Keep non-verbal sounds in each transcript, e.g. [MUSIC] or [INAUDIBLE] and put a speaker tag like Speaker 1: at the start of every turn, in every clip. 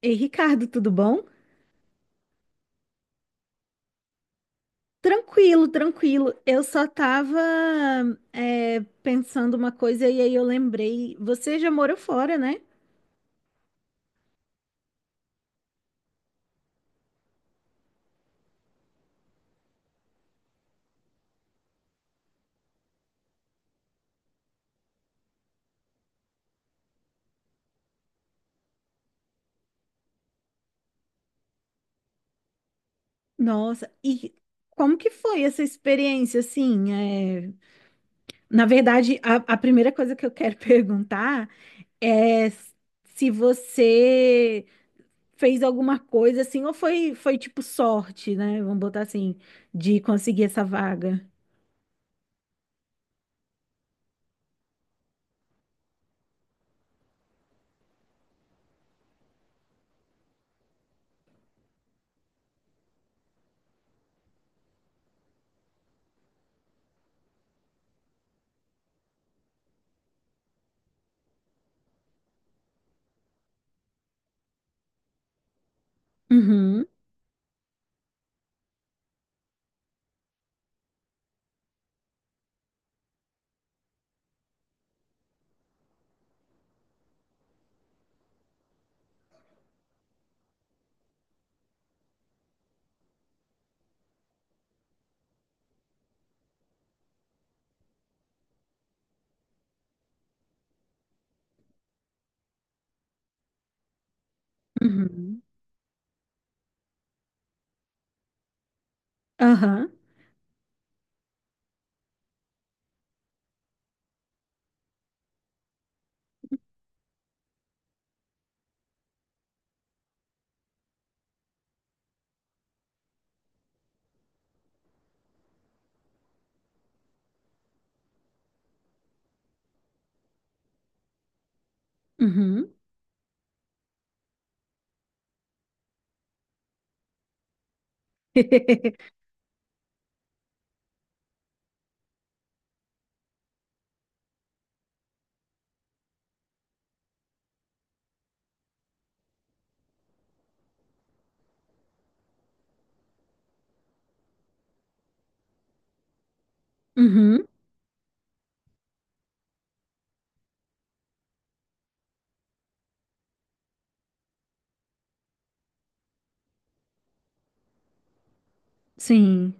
Speaker 1: Ei, Ricardo, tudo bom? Tranquilo, tranquilo. Eu só tava pensando uma coisa e aí eu lembrei. Você já morou fora, né? Nossa, e como que foi essa experiência, assim? Na verdade, a primeira coisa que eu quero [LAUGHS] perguntar é se você fez alguma coisa, assim, ou foi tipo sorte, né? Vamos botar assim, de conseguir essa vaga. Uhum, uhum, aham, uhum. [LAUGHS] Uhum, sim.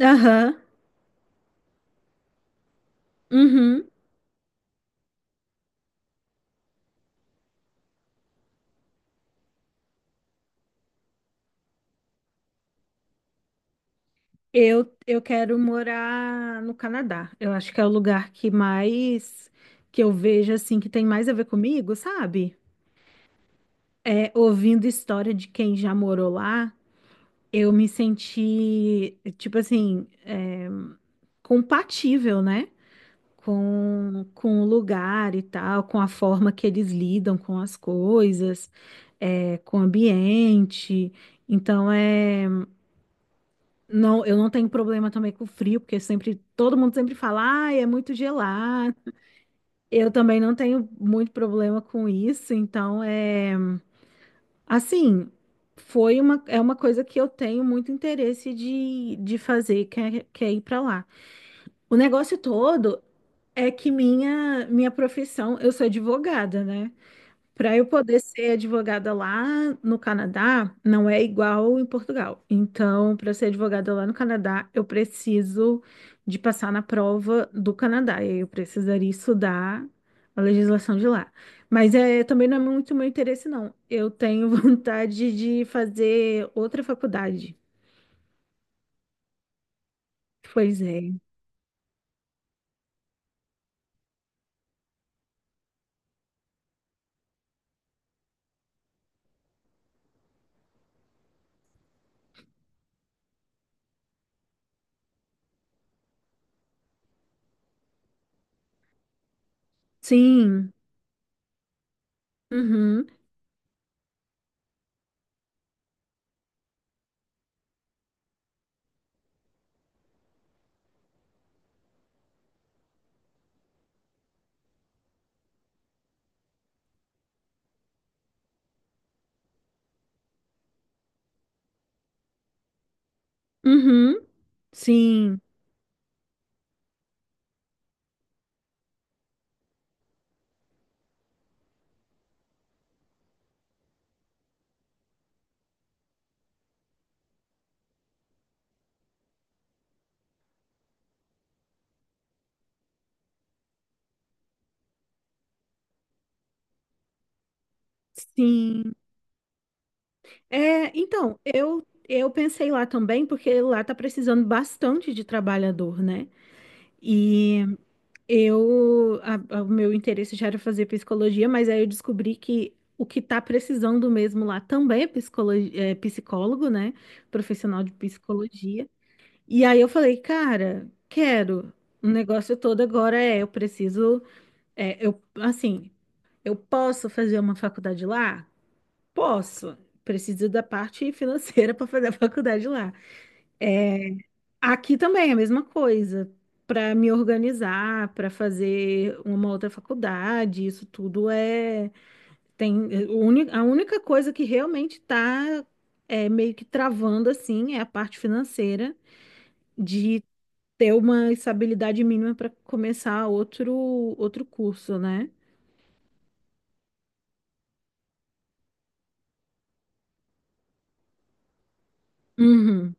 Speaker 1: Aham. Uhum. Eu quero morar no Canadá. Eu acho que é o lugar que mais que eu vejo assim que tem mais a ver comigo, sabe? Ouvindo história de quem já morou lá, eu me senti tipo assim, compatível, né? Com o lugar e tal, com a forma que eles lidam com as coisas, com o ambiente. Então é. Não, eu não tenho problema também com frio, porque sempre todo mundo sempre fala, ah, é muito gelado. Eu também não tenho muito problema com isso, então é assim, foi uma é uma coisa que eu tenho muito interesse de fazer, que é ir para lá. O negócio todo é que minha profissão, eu sou advogada, né? Para eu poder ser advogada lá no Canadá, não é igual em Portugal. Então, para ser advogada lá no Canadá, eu preciso de passar na prova do Canadá. E aí eu precisaria estudar a legislação de lá. Mas também não é muito meu interesse, não. Eu tenho [LAUGHS] vontade de fazer outra faculdade. Pois é. Sim. Uhum. Uhum. Sim. Sim. É, então, eu pensei lá também, porque lá tá precisando bastante de trabalhador, né? E eu, o meu interesse já era fazer psicologia, mas aí eu descobri que o que tá precisando mesmo lá também é psicólogo, né? Profissional de psicologia. E aí eu falei, cara, quero. O negócio todo agora é, eu preciso, eu, assim, eu posso fazer uma faculdade lá? Posso. Preciso da parte financeira [LAUGHS] para fazer a faculdade lá. É, aqui também é a mesma coisa. Para me organizar, para fazer uma outra faculdade, isso tudo é tem, a única coisa que realmente está meio que travando assim é a parte financeira de ter uma estabilidade mínima para começar outro curso, né? Uhum,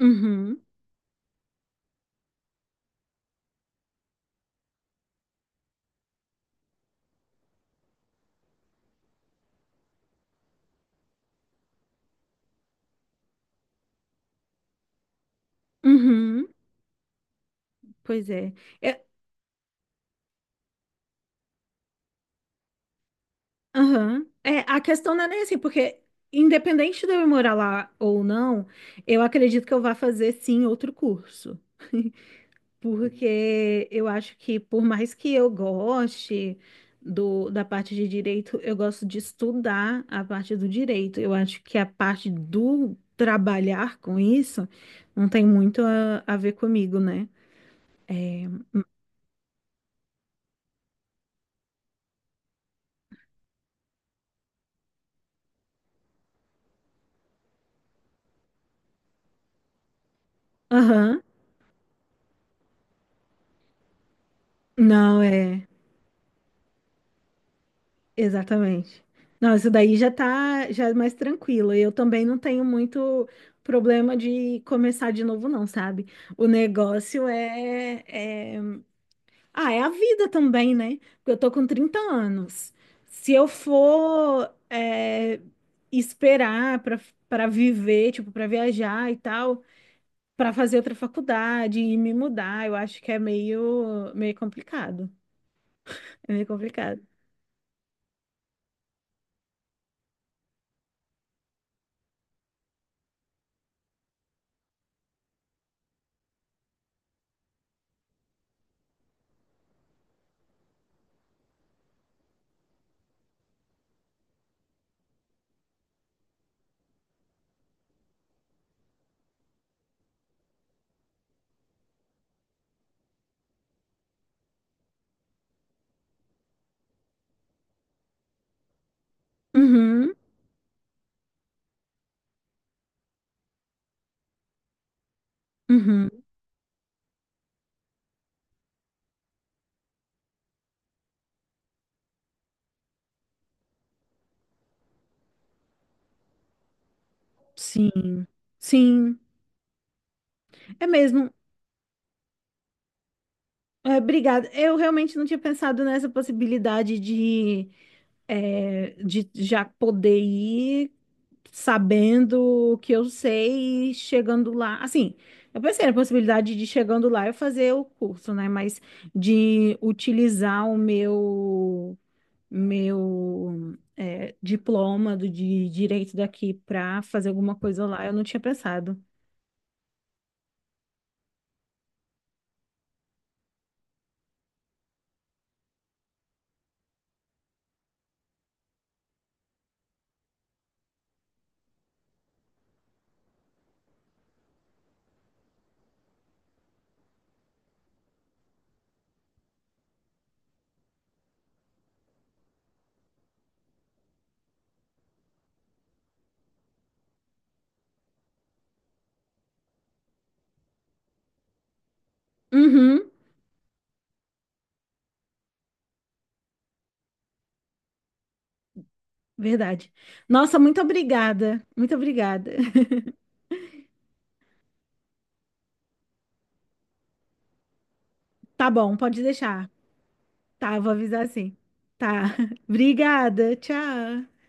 Speaker 1: uhum, uhum. Pois é. É. Aham. É, a questão não é nem assim, porque independente de eu ir morar lá ou não, eu acredito que eu vá fazer sim outro curso. [LAUGHS] Porque eu acho que por mais que eu goste do, da parte de direito, eu gosto de estudar a parte do direito. Eu acho que a parte do trabalhar com isso não tem muito a ver comigo, né? É. Aham. Não, é. Exatamente. Não, isso daí já é mais tranquilo. Eu também não tenho muito problema de começar de novo, não, sabe? O negócio é... Ah, é a vida também, né? porque eu tô com 30 anos. Se eu for esperar para para viver, tipo, para viajar e tal, para fazer outra faculdade e me mudar, eu acho que é meio complicado. É meio complicado. Uhum, uhum. Sim, sim, é mesmo. É, obrigada. Eu realmente não tinha pensado nessa possibilidade de já poder ir sabendo o que eu sei e chegando lá. Assim, eu pensei na possibilidade de chegando lá eu fazer o curso, né? Mas de utilizar o meu, diploma de direito daqui para fazer alguma coisa lá, eu não tinha pensado. Uhum. Verdade. Nossa, muito obrigada. Muito obrigada. [LAUGHS] Tá bom, pode deixar. Tá, eu vou avisar assim. Tá. [LAUGHS] Obrigada. Tchau.